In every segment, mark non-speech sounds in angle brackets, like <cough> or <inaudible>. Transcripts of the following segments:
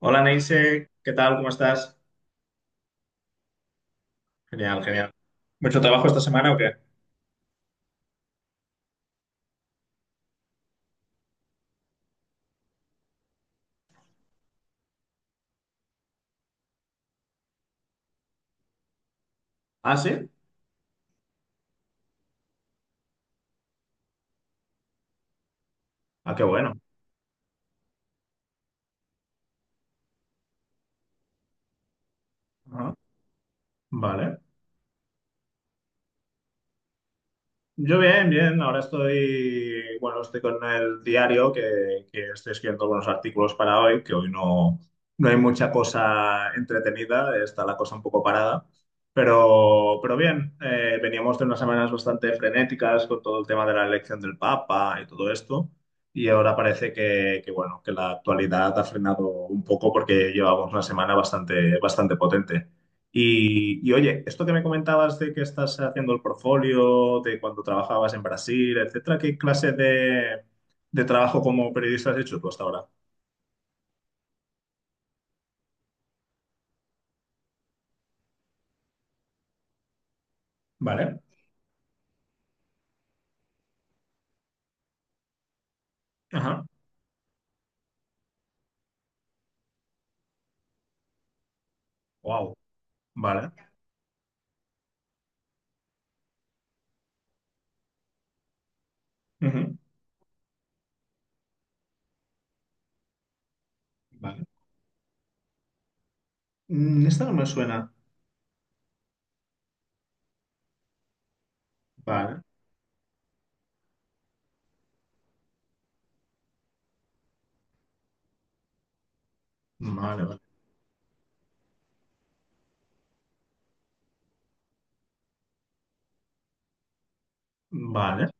Hola Neise, ¿qué tal? ¿Cómo estás? Genial, genial. ¿Mucho trabajo esta semana o qué? Ah, sí. Ah, qué bueno. Ajá. Vale. Yo bien, bien. Ahora estoy, bueno, estoy con el diario que estoy escribiendo algunos artículos para hoy, que hoy no, no hay mucha cosa entretenida, está la cosa un poco parada. Pero bien, veníamos de unas semanas bastante frenéticas con todo el tema de la elección del Papa y todo esto. Y ahora parece bueno, que la actualidad ha frenado un poco porque llevamos una semana bastante, bastante potente. Oye, esto que me comentabas de que estás haciendo el portfolio, de cuando trabajabas en Brasil, etcétera, ¿qué clase de trabajo como periodista has hecho tú hasta ahora? Vale. Ajá. Wow. Vale. Ujú. Vale. Mm, esta no me suena. Vale. Vale, vale. Vale.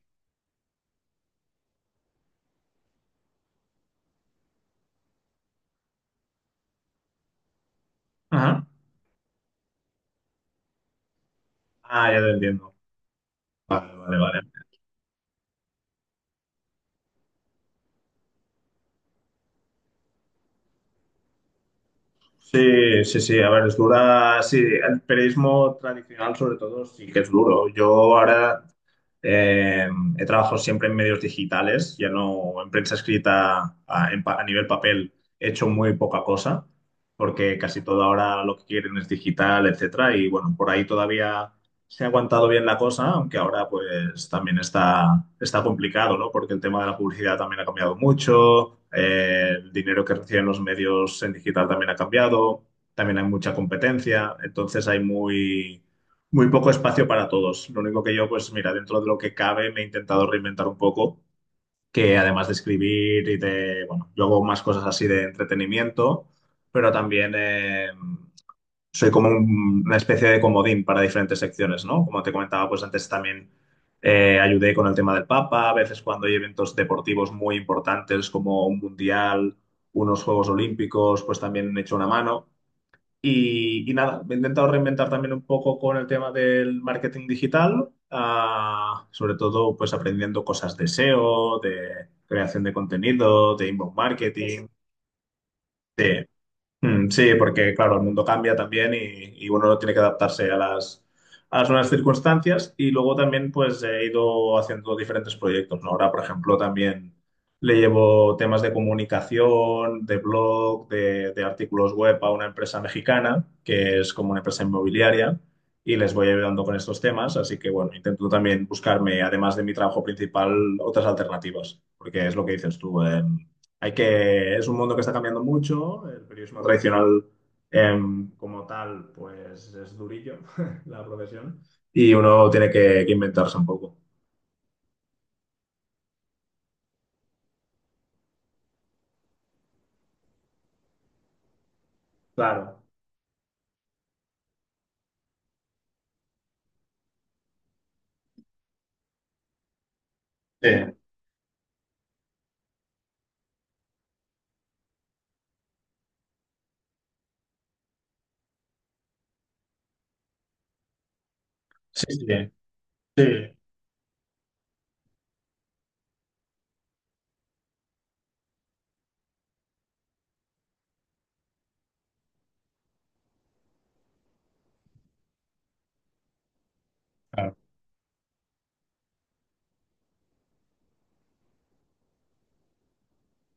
Ajá. Ah, ya te entiendo. Vale, vale, vale. Sí, sí, sí. A ver, es dura. Sí, el periodismo tradicional, sobre todo, sí que es duro. Yo ahora. Eh, he trabajado siempre en medios digitales, ya no en prensa escrita en a nivel papel, he hecho muy poca cosa, porque casi todo ahora lo que quieren es digital, etcétera. Y bueno, por ahí todavía se ha aguantado bien la cosa, aunque ahora pues también está, está complicado, ¿no? Porque el tema de la publicidad también ha cambiado mucho, el dinero que reciben los medios en digital también ha cambiado, también hay mucha competencia, entonces hay muy poco espacio para todos. Lo único que yo, pues mira, dentro de lo que cabe, me he intentado reinventar un poco, que además de escribir y de, bueno, yo hago más cosas así de entretenimiento, pero también soy como una especie de comodín para diferentes secciones, ¿no? Como te comentaba, pues antes también ayudé con el tema del Papa, a veces cuando hay eventos deportivos muy importantes como un mundial, unos Juegos Olímpicos, pues también he hecho una mano. Y nada, me he intentado reinventar también un poco con el tema del marketing digital, sobre todo pues aprendiendo cosas de SEO, de creación de contenido, de inbound marketing. Sí, porque claro, el mundo cambia también y uno tiene que adaptarse a a las nuevas circunstancias y luego también pues he ido haciendo diferentes proyectos, ¿no? Ahora, por ejemplo, también le llevo temas de comunicación, de blog, de artículos web a una empresa mexicana que es como una empresa inmobiliaria y les voy ayudando con estos temas, así que bueno, intento también buscarme, además de mi trabajo principal, otras alternativas, porque es lo que dices tú, hay que, es un mundo que está cambiando mucho. El periodismo tradicional, como tal, pues es durillo <laughs> la profesión. Y uno tiene que inventarse un poco. Claro. Sí, sí, sí, sí, claro,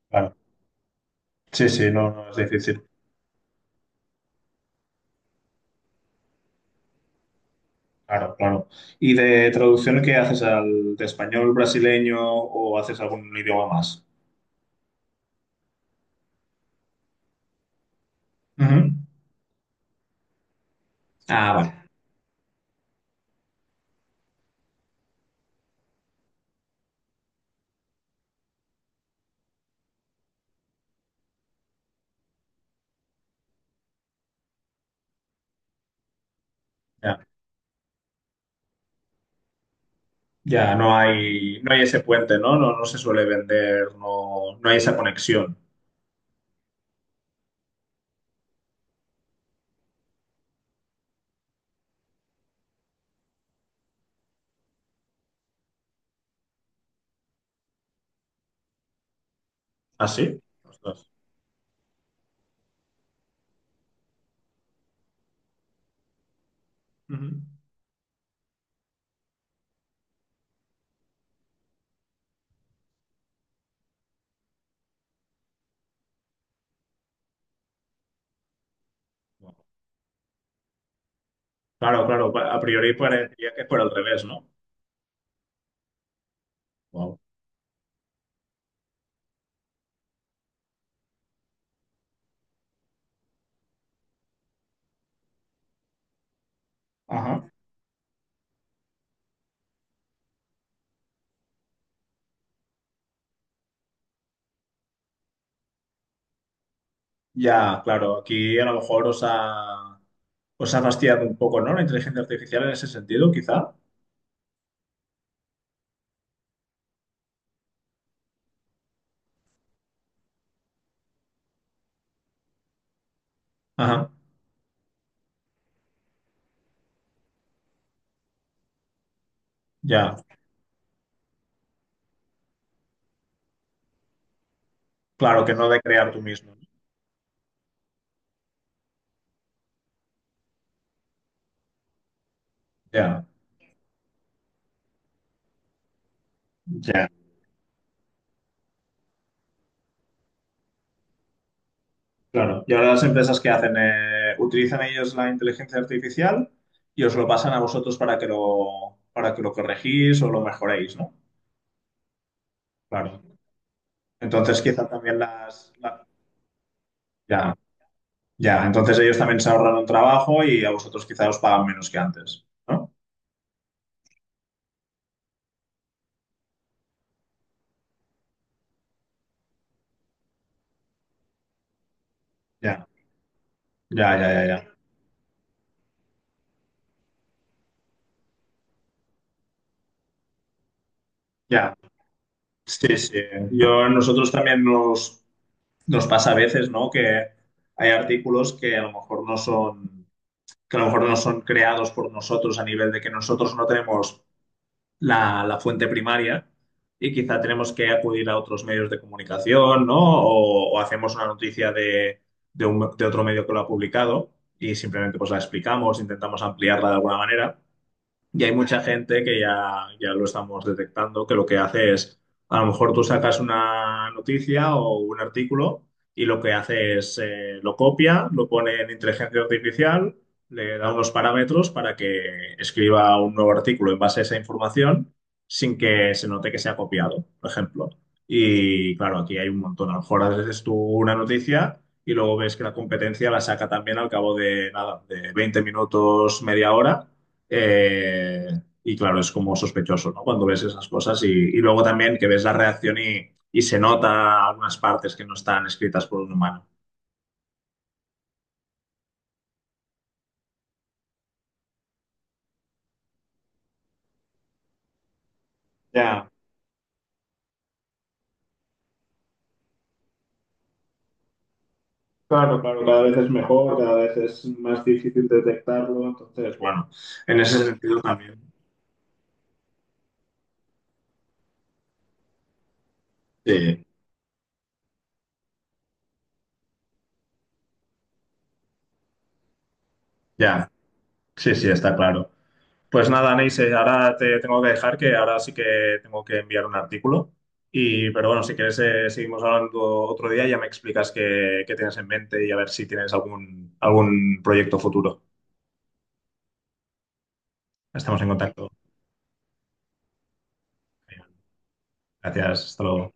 claro. Sí, sí, no, no es difícil. Claro, claro. ¿Y de traducción qué haces al de español brasileño o haces algún idioma más? Ujú. Ah, vale. Ya, ya no hay, no hay ese puente, ¿no? No, no se suele vender, no, no hay esa conexión. ¿Ah, sí? Ostras. Ujú. Wow. Claro, claro, a priori parecería que por el revés, ¿no? Wow. Ajá. Ya, claro, aquí a lo mejor os ha fastidiado un poco, ¿no? La inteligencia artificial en ese sentido, quizá. Ajá, ya, claro, que no de crear tú mismo, ¿no? Ya, ya, claro. Y ahora las empresas que hacen, eh, utilizan ellos la inteligencia artificial y os lo pasan a vosotros para que lo corregís o lo mejoréis, ¿no? Claro. Entonces, quizá también la- ya. Ya, entonces ellos también se ahorran un trabajo y a vosotros quizá os pagan menos que antes, ¿no? Ya, ya, ya, ya, ya. Ya, sí, sí. Yo, nosotros también nos pasa a veces, ¿no? Que hay artículos que a lo mejor no son, que a lo mejor no son creados por nosotros a nivel de que nosotros no tenemos la fuente primaria y quizá tenemos que acudir a otros medios de comunicación, ¿no? O hacemos una noticia de de otro medio que lo ha publicado y simplemente pues la explicamos, intentamos ampliarla de alguna manera. Y hay mucha gente ya lo estamos detectando, que lo que hace es, a lo mejor tú sacas una noticia o un artículo y lo que hace es, lo copia, lo pone en inteligencia artificial, le da unos parámetros para que escriba un nuevo artículo en base a esa información sin que se note que se ha copiado, por ejemplo. Y claro, aquí hay un montón. A lo mejor haces tú una noticia y luego ves que la competencia la saca también al cabo de, nada, de 20 minutos, media hora eh, y claro, es como sospechoso, ¿no? Cuando ves esas cosas y luego también que ves la reacción y se nota algunas partes que no están escritas por un humano. Ya, claro, claro, cada vez es mejor, cada vez es más difícil detectarlo, entonces, bueno. Bueno, en ese sentido también. Sí, ya, sí, sí, está claro. Pues nada, Neise, ahora te tengo que dejar que ahora sí que tengo que enviar un artículo. Y, pero bueno, si quieres, seguimos hablando otro día y ya me explicas qué tienes en mente y a ver si tienes algún proyecto futuro. Estamos en contacto. Gracias, hasta luego.